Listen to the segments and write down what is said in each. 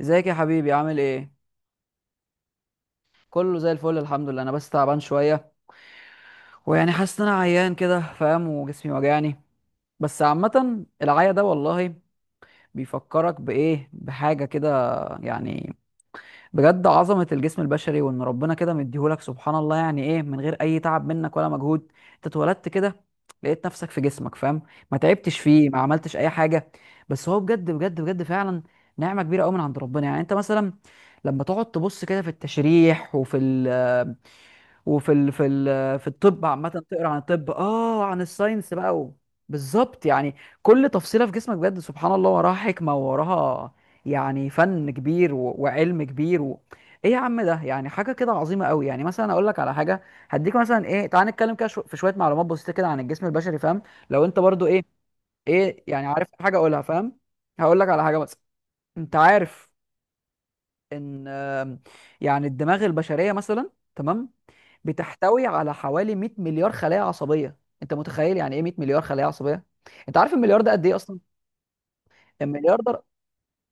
ازيك يا حبيبي، عامل ايه؟ كله زي الفل، الحمد لله. انا بس تعبان شويه، ويعني حاسس ان انا عيان كده، فاهم؟ وجسمي وجعني. بس عامه العيا ده والله بيفكرك بايه، بحاجه كده يعني. بجد عظمة الجسم البشري، وإن ربنا كده مديهولك سبحان الله. يعني إيه من غير أي تعب منك ولا مجهود، أنت اتولدت كده، لقيت نفسك في جسمك، فاهم؟ ما تعبتش فيه، ما عملتش أي حاجة. بس هو بجد بجد بجد فعلا نعمة كبيرة أوي من عند ربنا. يعني أنت مثلا لما تقعد تبص كده في التشريح وفي ال وفي ال... في ال... في الطب عامه، تقرا عن الطب، عن الساينس بقى و... بالظبط يعني. كل تفصيله في جسمك بجد سبحان الله وراها حكمه، ووراها يعني فن كبير و... وعلم كبير و... ايه يا عم؟ ده يعني حاجه كده عظيمه قوي. يعني مثلا اقول لك على حاجه، هديك مثلا ايه، تعال نتكلم كده في شويه معلومات بسيطه كده عن الجسم البشري، فاهم؟ لو انت برضو ايه، يعني عارف حاجه اقولها، فاهم؟ هقول لك على حاجه مثلا. انت عارف ان آم، يعني الدماغ البشريه مثلا، تمام، بتحتوي على حوالي 100 مليار خلايا عصبيه. انت متخيل يعني ايه 100 مليار خلايا عصبيه؟ انت عارف المليار ده قد ايه اصلا؟ المليار ده،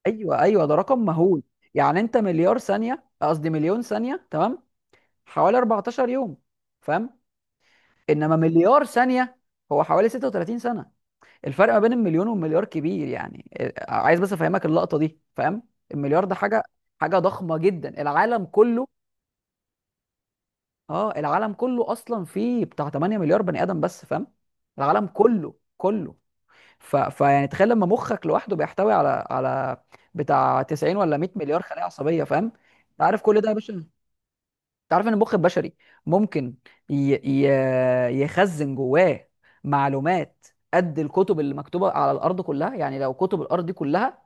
ايوه ايوه، ده رقم مهول. يعني انت مليار ثانيه قصدي مليون ثانيه، تمام، حوالي 14 يوم، فاهم؟ انما مليار ثانيه هو حوالي 36 سنه. الفرق ما بين المليون والمليار كبير يعني، عايز بس افهمك اللقطه دي، فاهم؟ المليار ده حاجه ضخمه جدا. العالم كله اصلا فيه بتاع 8 مليار بني ادم بس، فاهم؟ العالم كله كله. فيعني تخيل لما مخك لوحده بيحتوي على بتاع 90 ولا 100 مليار خلايا عصبيه، فاهم؟ انت عارف كل ده يا باشا؟ انت عارف ان المخ البشري ممكن ي... ي... يخزن جواه معلومات قد الكتب اللي مكتوبه على الارض كلها. يعني لو كتب الارض دي كلها،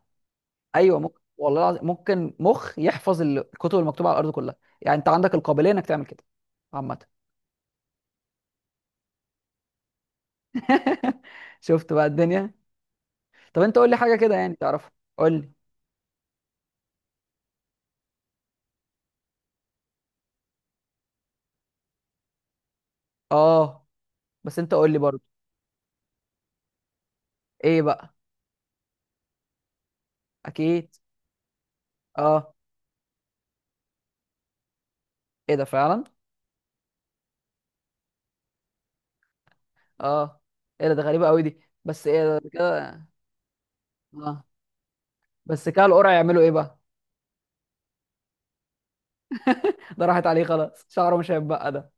ايوه ممكن، والله العظيم ممكن مخ يحفظ الكتب المكتوبه على الارض كلها. يعني انت عندك القابليه انك تعمل كده عامه. شفت بقى الدنيا؟ طب انت قول لي حاجه كده يعني تعرفها. قول لي. اه، بس انت قول لي برضه. ايه بقى؟ اكيد. اه. ايه ده فعلا؟ اه، ايه ده؟ غريبه قوي دي، بس ايه ده؟ كده. اه. بس كده القرع يعملوا ايه بقى؟ ده راحت عليه خلاص، شعره مش هيتبقى ده.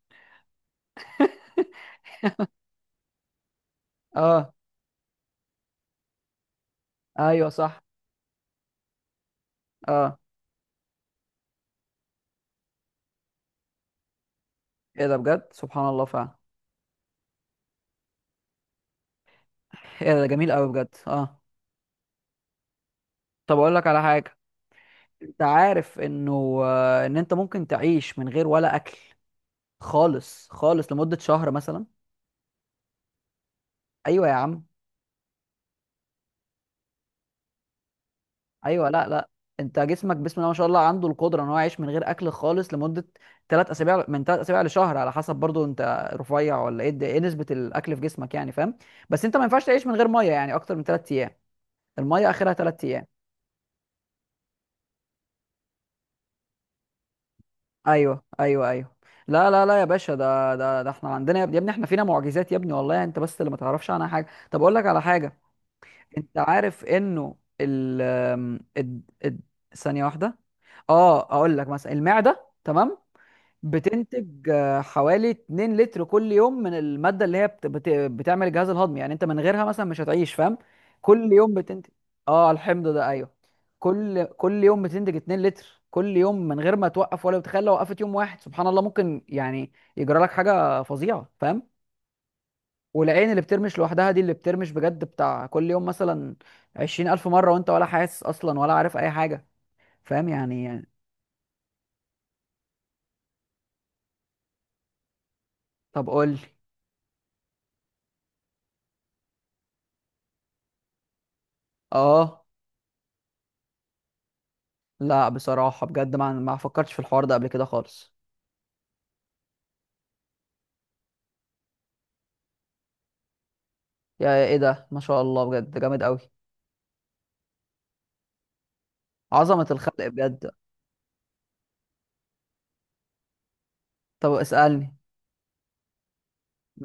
اه. ايوه صح. اه. ايه ده بجد سبحان الله فعلا. ايه ده؟ جميل قوي بجد، اه. طب اقول لك على حاجه، انت عارف انه آه، ان انت ممكن تعيش من غير ولا اكل خالص خالص لمده شهر مثلا. ايوه يا عم. ايوه. لا لا. انت جسمك بسم الله ما شاء الله عنده القدره ان هو يعيش من غير اكل خالص لمده ثلاث اسابيع من ثلاث اسابيع لشهر على حسب برضو انت رفيع ولا ايه، ايه نسبه الاكل في جسمك يعني، فاهم؟ بس انت ما ينفعش تعيش من غير ميه يعني اكتر من ثلاث ايام. الميه اخرها ثلاث ايام. ايوه ايوه ايوه. لا لا لا يا باشا، ده احنا عندنا، يا ابني يا ابني احنا فينا معجزات يا ابني والله، انت بس اللي ما تعرفش عنها حاجه. طب اقول لك على حاجه، انت عارف انه ال ال ال- ثانيه واحده، اه اقول لك مثلا. المعده، تمام، بتنتج حوالي 2 لتر كل يوم من المادة اللي هي بتعمل الجهاز الهضمي. يعني انت من غيرها مثلا مش هتعيش، فاهم؟ كل يوم بتنتج، اه الحمض ده ايوه، كل يوم بتنتج 2 لتر كل يوم من غير ما توقف ولا. تخيل لو وقفت يوم واحد، سبحان الله، ممكن يعني يجرى لك حاجة فظيعة، فاهم؟ والعين اللي بترمش لوحدها دي، اللي بترمش بجد بتاع كل يوم مثلا 20,000 مرة وانت ولا حاسس اصلا ولا عارف اي حاجة، فاهم؟ يعني يعني-. طب قول لي. اه. لا بصراحة بجد ما فكرتش في الحوار ده قبل كده خالص. يا ايه ده ما شاء الله بجد جامد قوي. عظمة الخلق بجد. طب اسألني.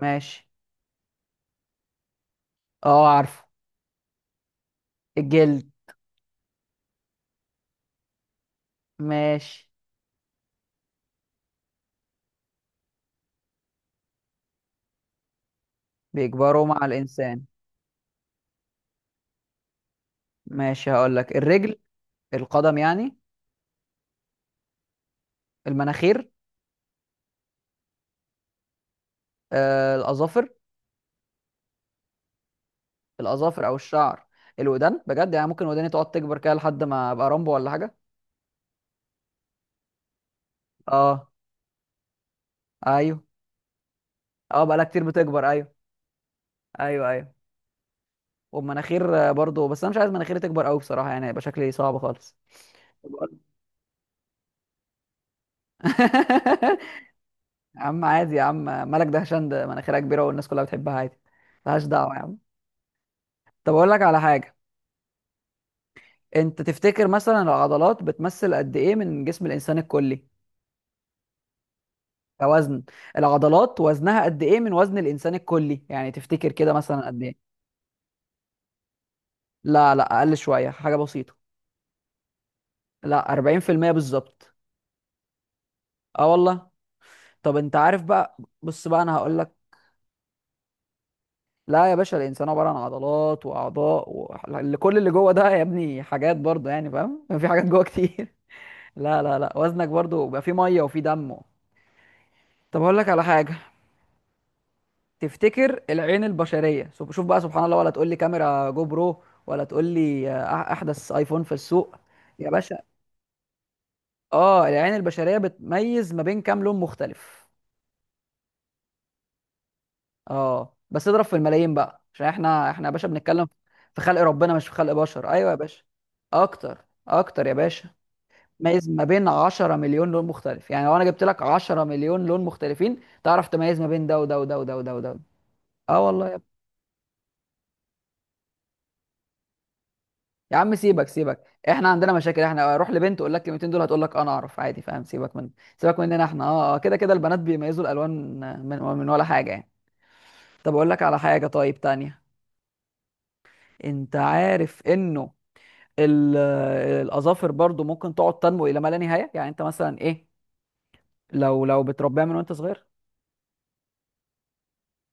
ماشي. اه عارفه. الجلد. ماشي. بيكبروا مع الإنسان؟ ماشي، هقول لك الرجل، القدم يعني، المناخير، الأظافر. الأظافر أو الشعر. الودان؟ بجد؟ يعني ممكن وداني تقعد تكبر كده لحد ما أبقى رامبو ولا حاجة. اه. أيوه. اه، بقالها كتير بتكبر أيوه. أيوه أيوه. وبمناخير برضه، بس انا مش عايز مناخيري تكبر قوي بصراحه، يعني هيبقى شكلي صعب خالص. طب. يا عم عادي يا عم، مالك دهشان؟ ده مناخيرها كبيره والناس كلها بتحبها عادي. ملهاش دعوه يا عم. طب اقول لك على حاجه، انت تفتكر مثلا العضلات بتمثل قد ايه من جسم الانسان الكلي؟ كوزن، العضلات وزنها قد ايه من وزن الانسان الكلي يعني، تفتكر كده مثلا قد ايه؟ لا لا اقل شويه، حاجه بسيطه. لا، 40% بالظبط. اه والله. طب انت عارف بقى، بص بقى انا هقول لك. لا يا باشا، الانسان عباره عن عضلات واعضاء و... اللي- كل اللي جوه ده يا ابني حاجات برضه، يعني فاهم؟ في حاجات جوه كتير. لا لا لا، وزنك برضه بيبقى فيه ميه وفيه دم. طب اقول لك على حاجه، تفتكر العين البشريه، شوف شوف بقى سبحان الله، ولا تقول لي كاميرا جو برو، ولا تقول لي احدث ايفون في السوق؟ يا باشا، اه العين البشريه بتميز ما بين كام لون مختلف؟ اه بس اضرب في الملايين بقى، عشان احنا يا باشا بنتكلم في خلق ربنا مش في خلق بشر. ايوه يا باشا. اكتر اكتر يا باشا. تميز ما بين 10 مليون لون مختلف. يعني لو انا جبت لك 10 مليون لون مختلفين تعرف تميز ما بين ده وده وده وده وده وده. اه والله يا ابني. يا عم سيبك سيبك، احنا عندنا مشاكل، احنا اروح لبنت اقول لك الكلمتين دول هتقول لك انا اعرف عادي، فاهم؟ سيبك مننا احنا كده كده البنات بيميزوا الالوان، من ولا حاجه يعني. طب اقول لك على حاجه طيب تانية، انت عارف انه ال- الاظافر برضو ممكن تقعد تنمو الى ما لا نهايه. يعني انت مثلا ايه، لو لو بتربيها من وانت صغير.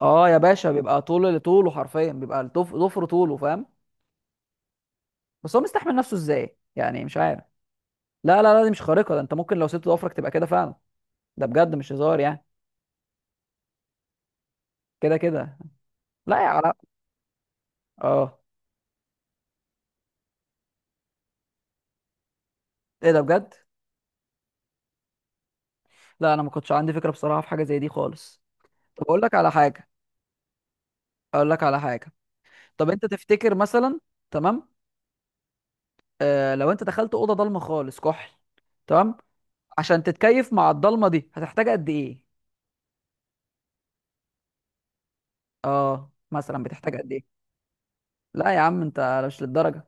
اه يا باشا بيبقى طوله حرفيا، بيبقى ضفر طوله، فاهم؟ بس هو مستحمل نفسه ازاي؟ يعني مش عارف. لا لا لا دي مش خارقه، ده انت ممكن لو سبت ضفرك تبقى كده فعلا. ده بجد مش هزار يعني. كده كده. لا يا علاء. اه. ايه ده بجد. لا انا ما كنتش عندي فكره بصراحه في حاجه زي دي خالص. طب اقول لك على حاجه، اقول لك على حاجه طب انت تفتكر مثلا، تمام، آه لو انت دخلت اوضه ضلمه خالص كحل، تمام، عشان تتكيف مع الضلمه دي هتحتاج قد ايه؟ اه مثلا بتحتاج قد ايه؟ لا يا عم انت مش للدرجه،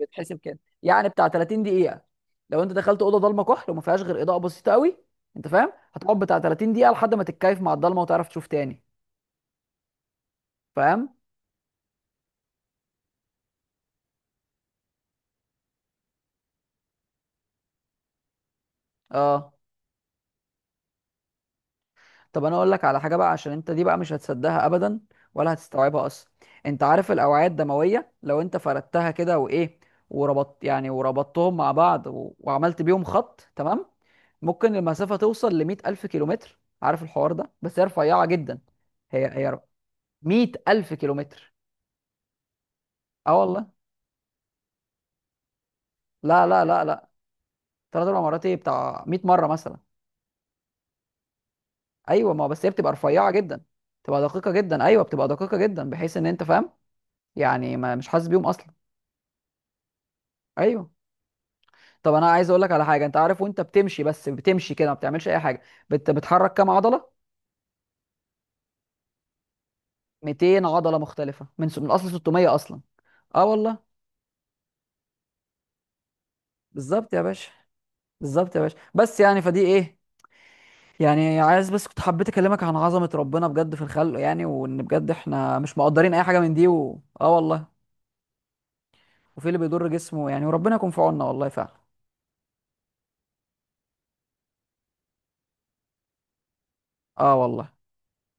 بتحسب كده يعني بتاع 30 دقيقه. لو انت دخلت اوضه ضلمه كحل وما فيهاش غير اضاءه بسيطه قوي، انت فاهم، هتقعد بتاع 30 دقيقه لحد ما تتكيف مع الضلمه وتعرف تشوف تاني، فاهم؟ اه. طب انا اقول لك على حاجه بقى، عشان انت دي بقى مش هتصدقها ابدا ولا هتستوعبها اصلا. انت عارف الاوعيه الدمويه لو انت فردتها كده وايه، وربطت يعني وربطتهم مع بعض و... وعملت بيهم خط، تمام، ممكن المسافه توصل ل 100000 كيلومتر. عارف الحوار ده؟ بس هي رفيعه جدا، هي هي 100000 كيلومتر. اه والله. لا لا لا لا، ثلاث اربع مرات ايه، بتاع 100 مره مثلا. ايوه، ما هو بس هي بتبقى رفيعه جدا، بتبقى دقيقه جدا. ايوه بتبقى دقيقه جدا بحيث ان انت فاهم، يعني ما مش حاسس بيهم اصلا. ايوه. طب انا عايز اقول لك على حاجه، انت عارف وانت بتمشي بس بتمشي كده ما بتعملش اي حاجه بتحرك كام عضله؟ 200 عضله مختلفه من اصل 600 اصلا. اه والله. بالظبط يا باشا، بالظبط يا باشا، بس يعني فدي ايه. يعني عايز بس كنت حبيت اكلمك عن عظمه ربنا بجد في الخلق، يعني وان بجد احنا مش مقدرين اي حاجه من دي و... اه والله. وفي اللي بيضر جسمه يعني، وربنا يكون في عوننا والله فعلا. اه والله.